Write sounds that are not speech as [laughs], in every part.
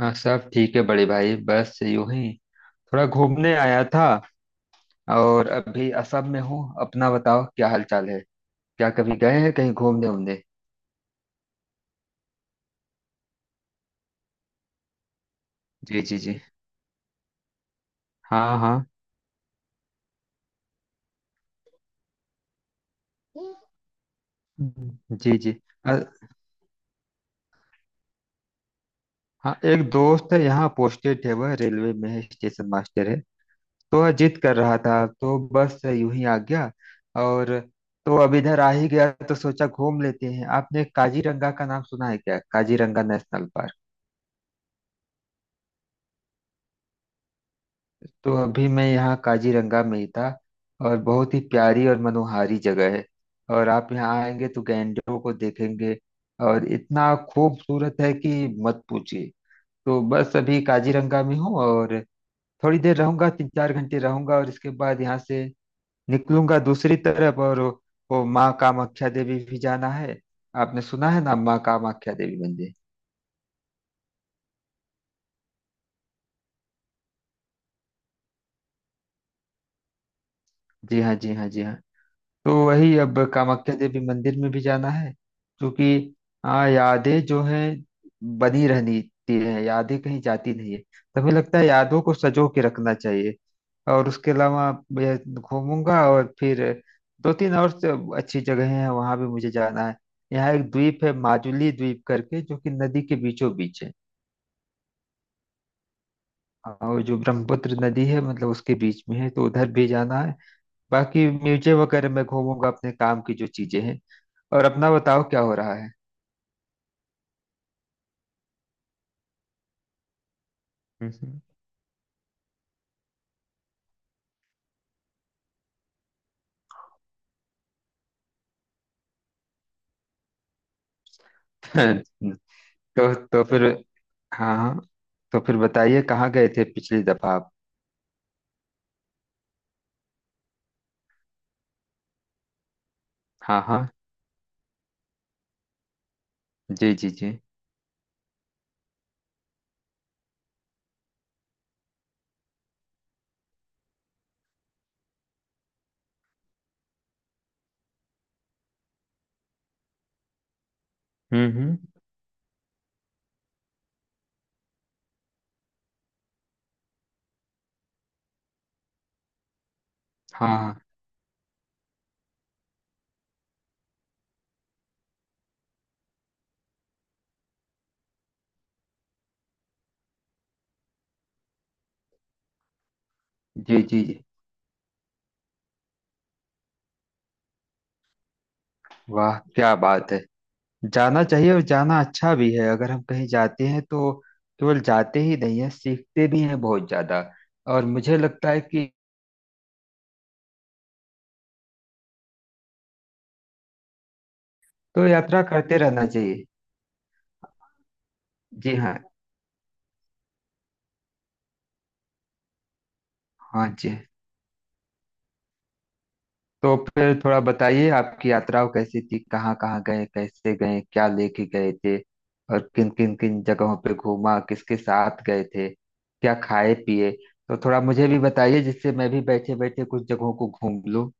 हाँ, सब ठीक है बड़े भाई। बस यूं ही थोड़ा घूमने आया था और अभी असम में हूँ। अपना बताओ क्या हालचाल है। क्या कभी गए हैं कहीं घूमने उमने। जी जी जी। हाँ हाँ। जी जी। अ, हाँ, एक दोस्त है यहाँ पोस्टेड है, वह रेलवे में है, स्टेशन मास्टर है। तो वह जिद कर रहा था तो बस यूं ही आ गया। और तो अब इधर आ ही गया तो सोचा घूम लेते हैं। आपने काजीरंगा का नाम सुना है क्या? Kaziranga national park. तो अभी मैं यहाँ काजीरंगा में ही था। और बहुत ही प्यारी और मनोहारी जगह है। और आप यहाँ आएंगे तो गैंडों को देखेंगे। और इतना खूबसूरत है कि मत पूछिए। तो बस अभी काजीरंगा में हूँ और थोड़ी देर रहूंगा, तीन चार घंटे रहूंगा और इसके बाद यहाँ से निकलूंगा दूसरी तरफ। और वो माँ कामाख्या देवी भी जाना है। आपने सुना है ना, माँ कामाख्या देवी मंदिर। जी हाँ जी हाँ जी हाँ। तो वही, अब कामाख्या देवी मंदिर में भी जाना है। क्योंकि हाँ, यादें जो हैं बनी रहनी है। यादें कहीं जाती नहीं है तो हमें लगता है यादों को सजो के रखना चाहिए। और उसके अलावा मैं घूमूंगा और फिर दो तीन और से अच्छी जगह हैं, वहां भी मुझे जाना है। यहाँ एक द्वीप है, माजुली द्वीप करके, जो कि नदी के बीचों बीच है। और जो ब्रह्मपुत्र नदी है, मतलब उसके बीच में है, तो उधर भी जाना है। बाकी म्यूजियम वगैरह में घूमूंगा, अपने काम की जो चीजें हैं। और अपना बताओ क्या हो रहा है। हम्म। [laughs] तो फिर। हाँ हाँ। तो फिर बताइए कहाँ गए थे पिछली दफा आप। हाँ। हाँ। जी जी जी। हम्म। हाँ हाँ। जी जी जी। वाह, क्या बात है। जाना चाहिए और जाना अच्छा भी है। अगर हम कहीं जाते हैं तो केवल जाते ही नहीं है, सीखते भी हैं बहुत ज्यादा। और मुझे लगता है कि तो यात्रा करते रहना चाहिए। जी हाँ। हाँ जी। तो फिर थोड़ा बताइए, आपकी यात्राओं कैसी थी, कहाँ कहाँ गए, कैसे गए, क्या लेके गए थे और किन किन किन जगहों पे घूमा, किसके साथ गए थे, क्या खाए पिए। तो थोड़ा मुझे भी बताइए, जिससे मैं भी बैठे बैठे कुछ जगहों को घूम लूँ।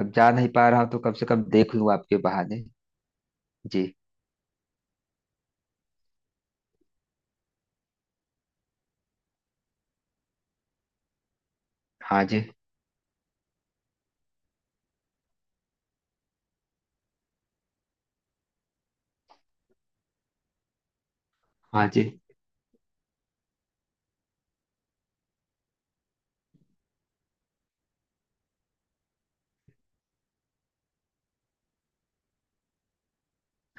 अब जा नहीं पा रहा हूँ तो कम से कम देख लूँ आपके बहाने। जी। हाँ जी। हाँ जी।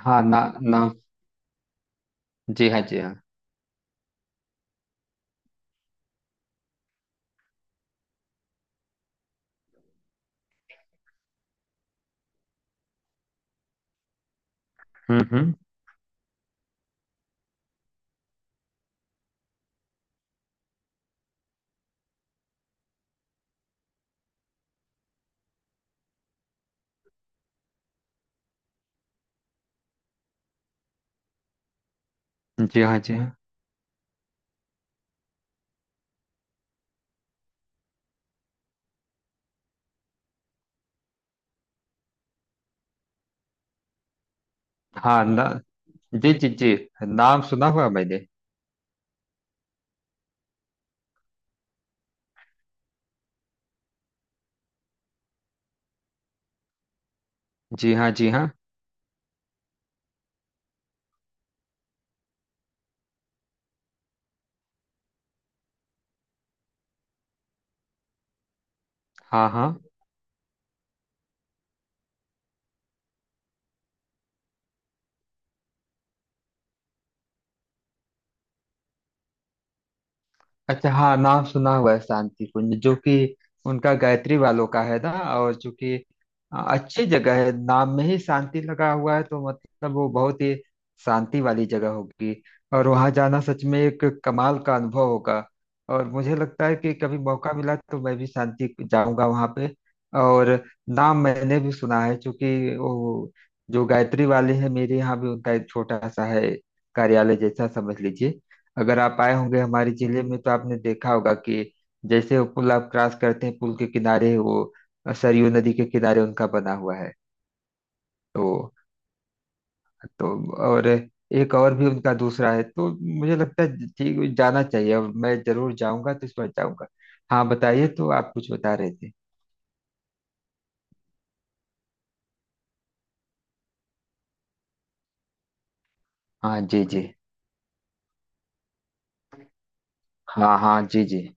हाँ ना ना। जी हाँ जी हाँ। हम्म। जी हाँ जी हाँ। हाँ ना। जी जी जी। नाम सुना हुआ मैंने। जी हाँ जी हाँ। हाँ हाँ। अच्छा, हाँ, नाम सुना हुआ है शांति कुंज, जो कि उनका गायत्री वालों का है ना। और जो कि अच्छी जगह है। नाम में ही शांति लगा हुआ है तो मतलब वो बहुत ही शांति वाली जगह होगी। और वहाँ जाना सच में एक कमाल का अनुभव होगा। और मुझे लगता है कि कभी मौका मिला तो मैं भी शांति जाऊंगा वहाँ पे। और नाम मैंने भी सुना है क्योंकि वो जो गायत्री वाले हैं, मेरे यहाँ भी उनका एक छोटा सा है, कार्यालय जैसा समझ लीजिए। अगर आप आए होंगे हमारे जिले में तो आपने देखा होगा कि जैसे वो पुल आप क्रॉस करते हैं, पुल के किनारे वो सरयू नदी के किनारे उनका बना हुआ है। तो तो और एक और भी उनका दूसरा है, तो मुझे लगता है ठीक, जाना चाहिए और मैं जरूर जाऊंगा, तो इस बार जाऊंगा। हाँ बताइए, तो आप कुछ बता रहे थे। हाँ जी जी। हाँ हाँ जी जी।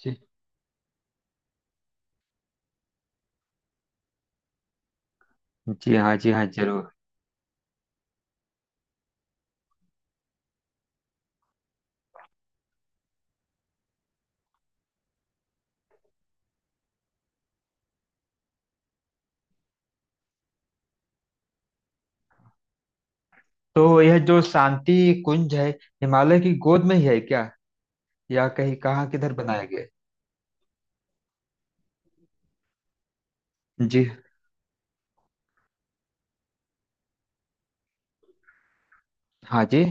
जी। जी हाँ जी हाँ जरूर। तो यह जो शांति कुंज है, हिमालय की गोद में ही है क्या, या कहीं कहाँ किधर बनाया गया है? जी। हाँ जी।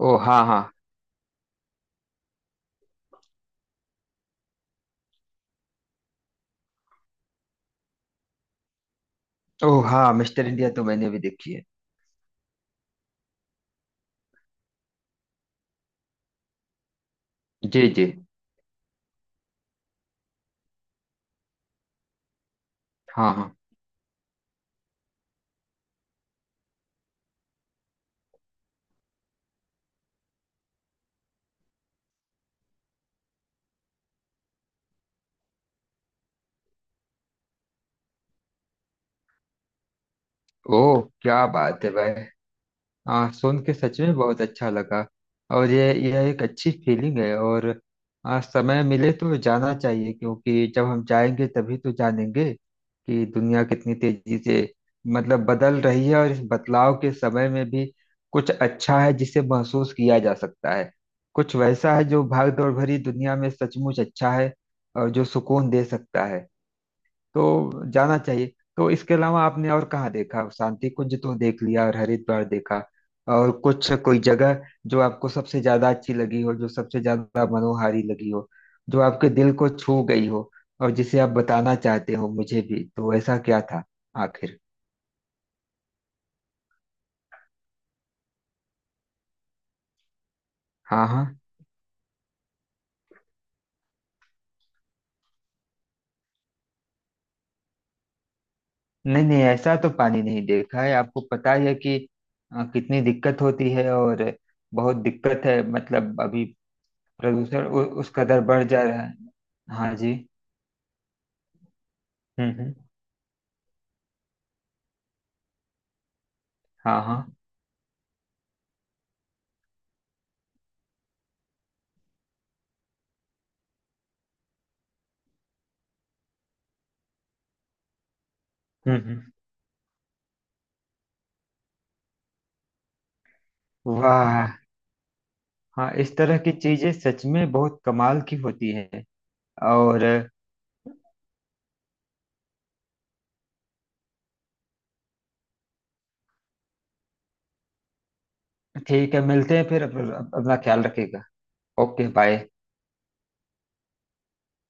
ओ हाँ हाँ। ओ हाँ, मिस्टर इंडिया तो मैंने भी देखी है। जी जी। हाँ हाँ। ओ, क्या बात है भाई। सुन के सच में बहुत अच्छा लगा। और ये, यह एक अच्छी फीलिंग है। और समय मिले तो जाना चाहिए, क्योंकि जब हम जाएंगे तभी तो जानेंगे कि दुनिया कितनी तेजी से मतलब बदल रही है। और इस बदलाव के समय में भी कुछ अच्छा है जिसे महसूस किया जा सकता है। कुछ वैसा है जो भागदौड़ भरी दुनिया में सचमुच अच्छा है और जो सुकून दे सकता है। तो जाना चाहिए। तो इसके अलावा आपने और कहाँ देखा? शांति कुंज तो देख लिया और हरिद्वार देखा, और कुछ कोई जगह जो आपको सबसे ज्यादा अच्छी लगी हो, जो सबसे ज्यादा मनोहारी लगी हो, जो आपके दिल को छू गई हो और जिसे आप बताना चाहते हो मुझे भी, तो ऐसा क्या था आखिर? हाँ हाँ। नहीं नहीं, ऐसा तो पानी नहीं देखा है। आपको पता ही है कि कितनी दिक्कत होती है, और बहुत दिक्कत है मतलब अभी प्रदूषण उस कदर बढ़ जा रहा है। हाँ जी। हम्म। हाँ हाँ। हम्म। वाह। हाँ, इस तरह की चीजें सच में बहुत कमाल की होती है। और ठीक है, मिलते हैं फिर। अपना ख्याल रखिएगा। Okay bye.